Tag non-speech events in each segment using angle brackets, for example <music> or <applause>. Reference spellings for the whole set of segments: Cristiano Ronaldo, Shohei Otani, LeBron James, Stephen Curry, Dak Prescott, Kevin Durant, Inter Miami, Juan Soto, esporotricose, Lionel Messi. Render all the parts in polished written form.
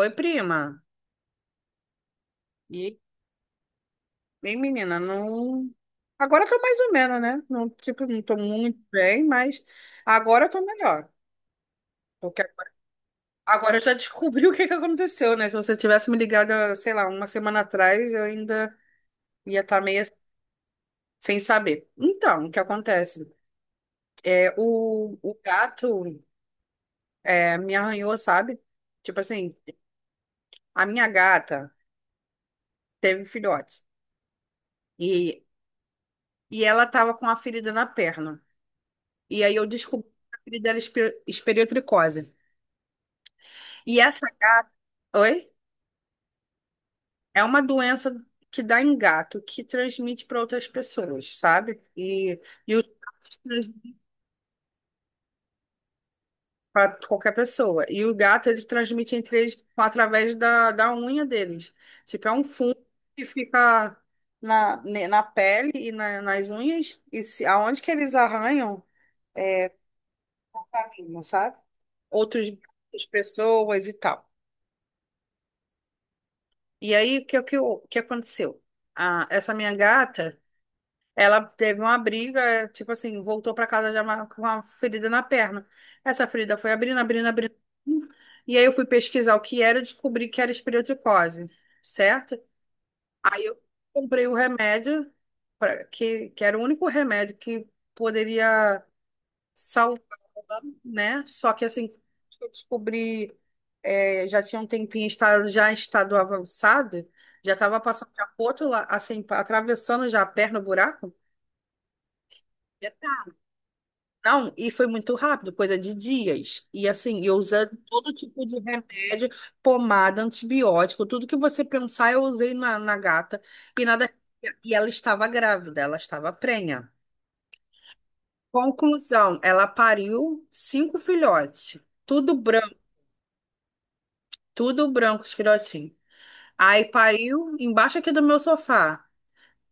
Oi, prima. E, bem, menina, não. Agora tô mais ou menos, né? Não, tipo, não tô muito bem, mas agora eu tô melhor. Porque agora eu já <laughs> descobri o que que aconteceu, né? Se você tivesse me ligado, sei lá, uma semana atrás, eu ainda ia estar meio sem saber. Então, o que acontece? É, o gato me arranhou, sabe? Tipo assim, a minha gata teve filhote. E, e ela tava com a ferida na perna. E aí eu descobri que o apelido dela é esperiotricose. E essa, oi? É uma doença que dá em gato, que transmite para outras pessoas, sabe? E os gatos para qualquer pessoa. E o gato, eles transmitem entre eles através da unha deles. Tipo, é um fungo que fica na pele e nas unhas. E se, aonde que eles arranham, é, sabe? Outros gatos, pessoas e tal. E aí, o que aconteceu? Essa minha gata, ela teve uma briga, tipo assim, voltou para casa já com uma ferida na perna. Essa ferida foi abrindo, abrindo, abrindo. E aí eu fui pesquisar o que era e descobri que era esporotricose, certo? Aí eu comprei o remédio, que era o único remédio que poderia, né? Só que assim, que eu descobri, já tinha um tempinho, está, já em estado avançado, já estava passando já pro outro lado, assim, atravessando já a perna, o buraco. Já tá. Não, e foi muito rápido, coisa de dias. E assim, eu usando todo tipo de remédio, pomada, antibiótico, tudo que você pensar, eu usei na gata. E nada. E ela estava grávida, ela estava prenha. Conclusão, ela pariu cinco filhotes, tudo branco. Tudo branco, os filhotinhos. Aí pariu embaixo aqui do meu sofá.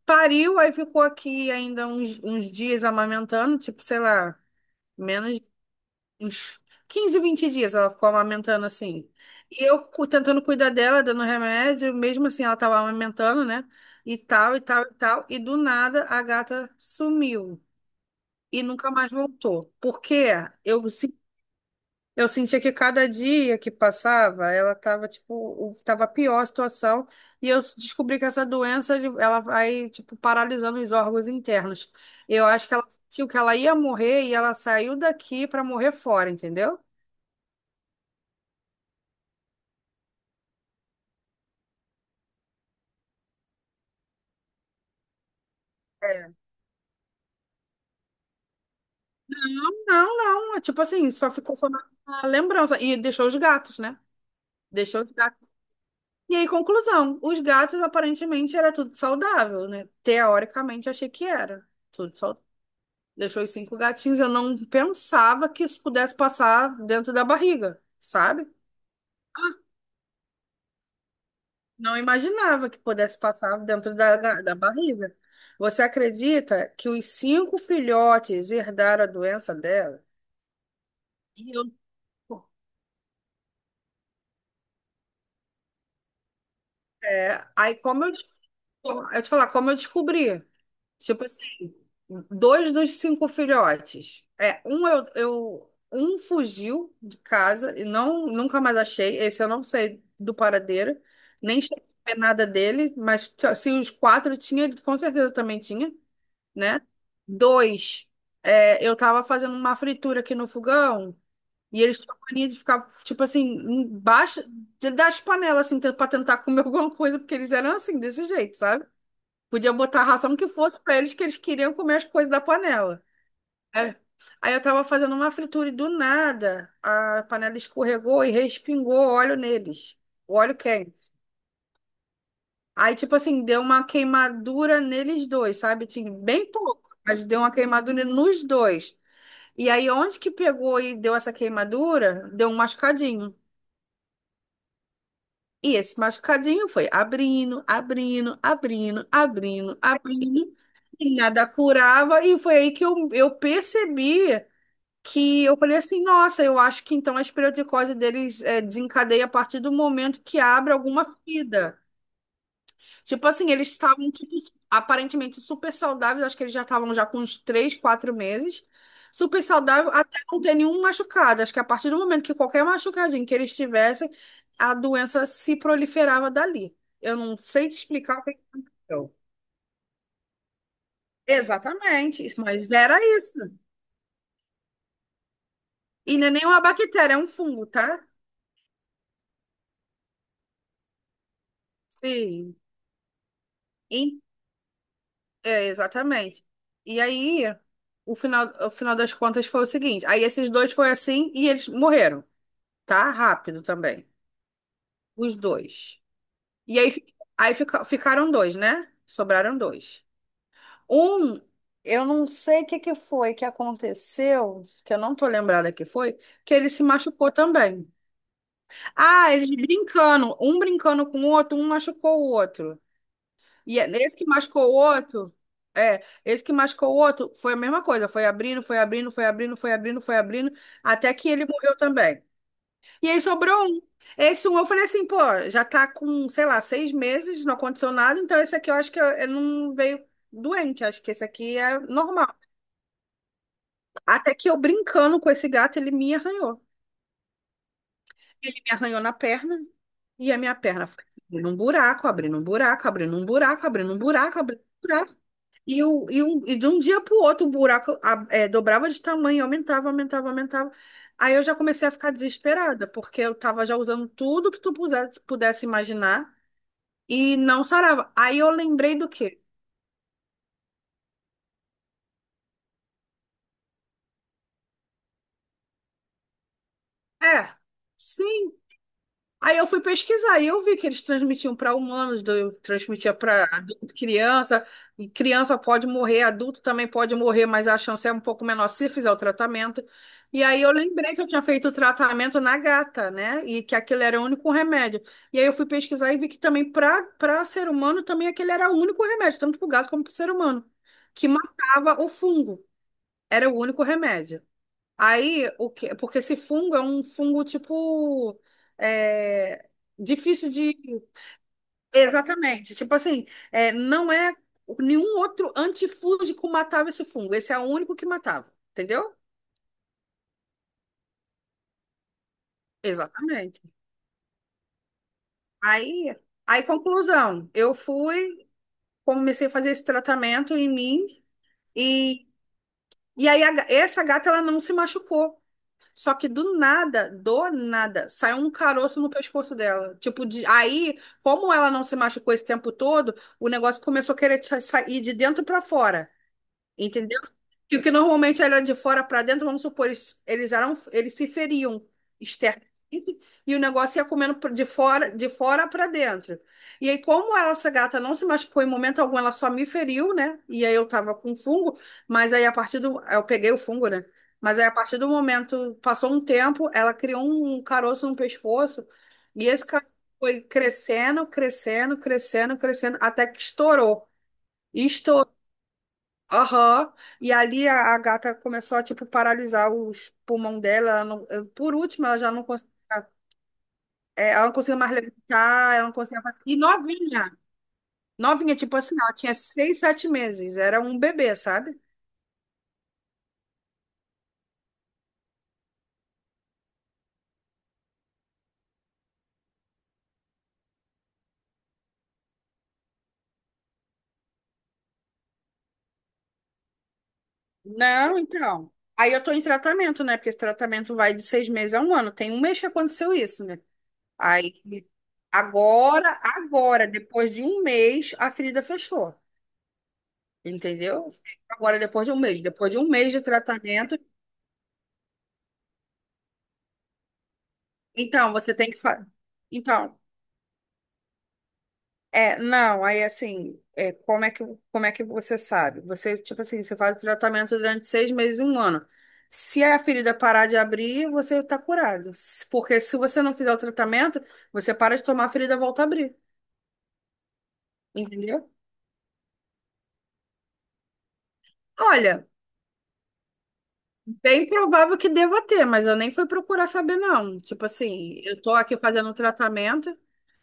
Pariu, aí ficou aqui ainda uns dias amamentando, tipo, sei lá, menos uns 15, 20 dias ela ficou amamentando assim. E eu tentando cuidar dela, dando remédio, mesmo assim ela tava amamentando, né? E tal, e tal, e tal. E do nada a gata sumiu e nunca mais voltou. Porque eu Eu sentia que cada dia que passava, ela tava, tipo, tava pior a situação, e eu descobri que essa doença, ela vai, tipo, paralisando os órgãos internos. Eu acho que ela sentiu que ela ia morrer e ela saiu daqui para morrer fora, entendeu? É. Não, não, é tipo assim, só ficou só na lembrança, e deixou os gatos, né? Deixou os gatos. E aí, conclusão, os gatos aparentemente era tudo saudável, né? Teoricamente, achei que era tudo saudável. Deixou os cinco gatinhos. Eu não pensava que isso pudesse passar dentro da barriga, sabe? Ah, não imaginava que pudesse passar dentro da barriga. Você acredita que os cinco filhotes herdaram a doença dela? E eu, aí como eu, eu te falar, como eu descobri? Tipo assim, dois dos cinco filhotes. É, um eu um fugiu de casa e não nunca mais achei. Esse eu não sei do paradeiro, nem cheguei a ver nada dele, mas se os quatro tinha, ele com certeza também tinha, né? Dois, eu tava fazendo uma fritura aqui no fogão e eles tinham mania de ficar, tipo assim, embaixo das panelas, assim, pra tentar comer <laughs> alguma coisa, porque eles eram assim, desse jeito, sabe? Podia botar a ração que fosse pra eles, que eles queriam comer as coisas da panela. É. Aí eu tava fazendo uma fritura e do nada a panela escorregou e respingou óleo neles. O óleo quente. Aí, tipo assim, deu uma queimadura neles dois, sabe? Tinha bem pouco, mas deu uma queimadura nos dois. E aí, onde que pegou e deu essa queimadura, deu um machucadinho. E esse machucadinho foi abrindo, abrindo, abrindo, abrindo, abrindo, e nada curava. E foi aí que eu percebi que eu falei assim: nossa, eu acho que então a espeleoticose deles desencadeia a partir do momento que abre alguma ferida. Tipo assim, eles estavam tipo, aparentemente super saudáveis, acho que eles já estavam já com uns 3, 4 meses. Super saudável até não ter nenhum machucado. Acho que a partir do momento que qualquer machucadinho que eles tivessem, a doença se proliferava dali. Eu não sei te explicar o que aconteceu. Exatamente, mas era isso. E não é nenhuma bactéria, é um fungo, tá? Sim. E- é, exatamente. E aí, o final das contas foi o seguinte: aí esses dois foi assim e eles morreram. Tá rápido também. Os dois. E aí, aí ficaram dois, né? Sobraram dois. Um, eu não sei o que que foi que aconteceu, que eu não tô lembrada que foi, que ele se machucou também. Ah, eles brincando, um brincando com o outro, um machucou o outro. E esse que machucou o outro, esse que machucou o outro foi a mesma coisa, foi abrindo, foi abrindo, foi abrindo, foi abrindo, foi abrindo, até que ele morreu também. E aí sobrou um. Esse um eu falei assim, pô, já tá com, sei lá, 6 meses, não aconteceu nada, então esse aqui eu acho que eu não veio doente, acho que esse aqui é normal. Até que eu brincando com esse gato, ele me arranhou. Ele me arranhou na perna e a minha perna foi abrindo um buraco, abrindo um buraco, abrindo um buraco, abrindo um buraco, abrindo um buraco. E de um dia para o outro o buraco dobrava de tamanho, aumentava, aumentava, aumentava. Aí eu já comecei a ficar desesperada, porque eu estava já usando tudo que tu pudesse imaginar e não sarava. Aí eu lembrei do quê? É, sim. Aí eu fui pesquisar e eu vi que eles transmitiam para humanos, transmitia para adulto, criança, e criança pode morrer, adulto também pode morrer, mas a chance é um pouco menor se fizer o tratamento. E aí eu lembrei que eu tinha feito o tratamento na gata, né? E que aquele era o único remédio. E aí eu fui pesquisar e vi que também para ser humano também aquele era o único remédio, tanto para o gato como para o ser humano, que matava o fungo. Era o único remédio. Aí, o que, porque esse fungo é um fungo tipo é, difícil de. Exatamente. Tipo assim, é, não é. Nenhum outro antifúngico matava esse fungo. Esse é o único que matava, entendeu? Exatamente. Aí, aí, conclusão, eu fui, comecei a fazer esse tratamento em mim e, e aí a essa gata ela não se machucou. Só que do nada, saiu um caroço no pescoço dela. Tipo, aí, como ela não se machucou esse tempo todo, o negócio começou a querer sair de dentro pra fora. Entendeu que o que normalmente era de fora para dentro, vamos supor, eles eram, eles se feriam externamente e o negócio ia comendo de fora para dentro. E aí, como ela, essa gata não se machucou em momento algum, ela só me feriu, né? E aí eu tava com fungo, mas aí a partir do. Eu peguei o fungo, né? Mas aí a partir do momento, passou um tempo, ela criou um caroço no pescoço e esse caroço foi crescendo, crescendo, crescendo, crescendo, até que estourou. Estourou. Aham. E ali a gata começou a, tipo, paralisar os pulmão dela. Ela não- eu- Por último, ela já não conseguia, ela não conseguia mais levantar, ela não conseguia mais... E novinha, novinha, tipo assim, ela tinha 6, 7 meses, era um bebê, sabe? Não, então. Aí eu tô em tratamento, né? Porque esse tratamento vai de 6 meses a um ano. Tem um mês que aconteceu isso, né? Aí, agora, depois de um mês, a ferida fechou, entendeu? Agora, depois de um mês, depois de um mês de tratamento, então, você tem que Então, não, aí assim, é, como é que você sabe? Você, tipo assim, você faz o tratamento durante 6 meses, um ano. Se a ferida parar de abrir, você está curado. Porque se você não fizer o tratamento, você para de tomar, a ferida volta a abrir. Entendeu? Olha, bem provável que deva ter, mas eu nem fui procurar saber, não. Tipo assim, eu tô aqui fazendo o tratamento,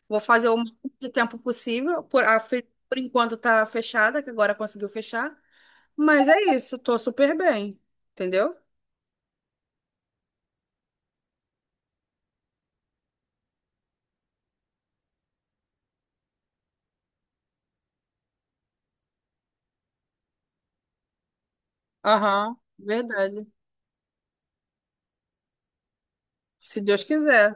vou fazer o máximo de tempo possível, por enquanto tá fechada, que agora conseguiu fechar. Mas é isso, tô super bem, entendeu? Aham. Verdade. Se Deus quiser.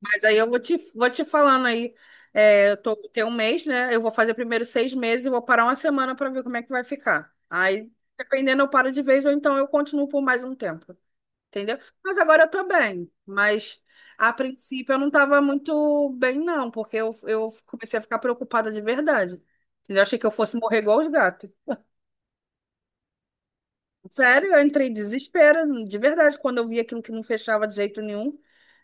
Mas aí eu vou te falando aí. É, eu tô, tem um mês, né? Eu vou fazer primeiro 6 meses e vou parar uma semana para ver como é que vai ficar. Aí, dependendo, eu paro de vez ou então eu continuo por mais um tempo. Entendeu? Mas agora eu tô bem. Mas a princípio eu não tava muito bem, não, porque eu comecei a ficar preocupada de verdade. Entendeu? Achei que eu fosse morrer igual os gatos. Sério, eu entrei em desespero, de verdade, quando eu vi aquilo que não fechava de jeito nenhum.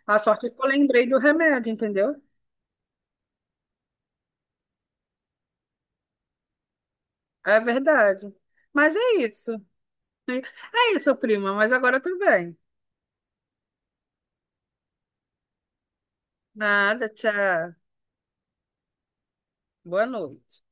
A sorte é que eu lembrei do remédio, entendeu? É verdade. Mas é isso. É isso, prima, mas agora eu tô bem. Nada, tchau. Boa noite.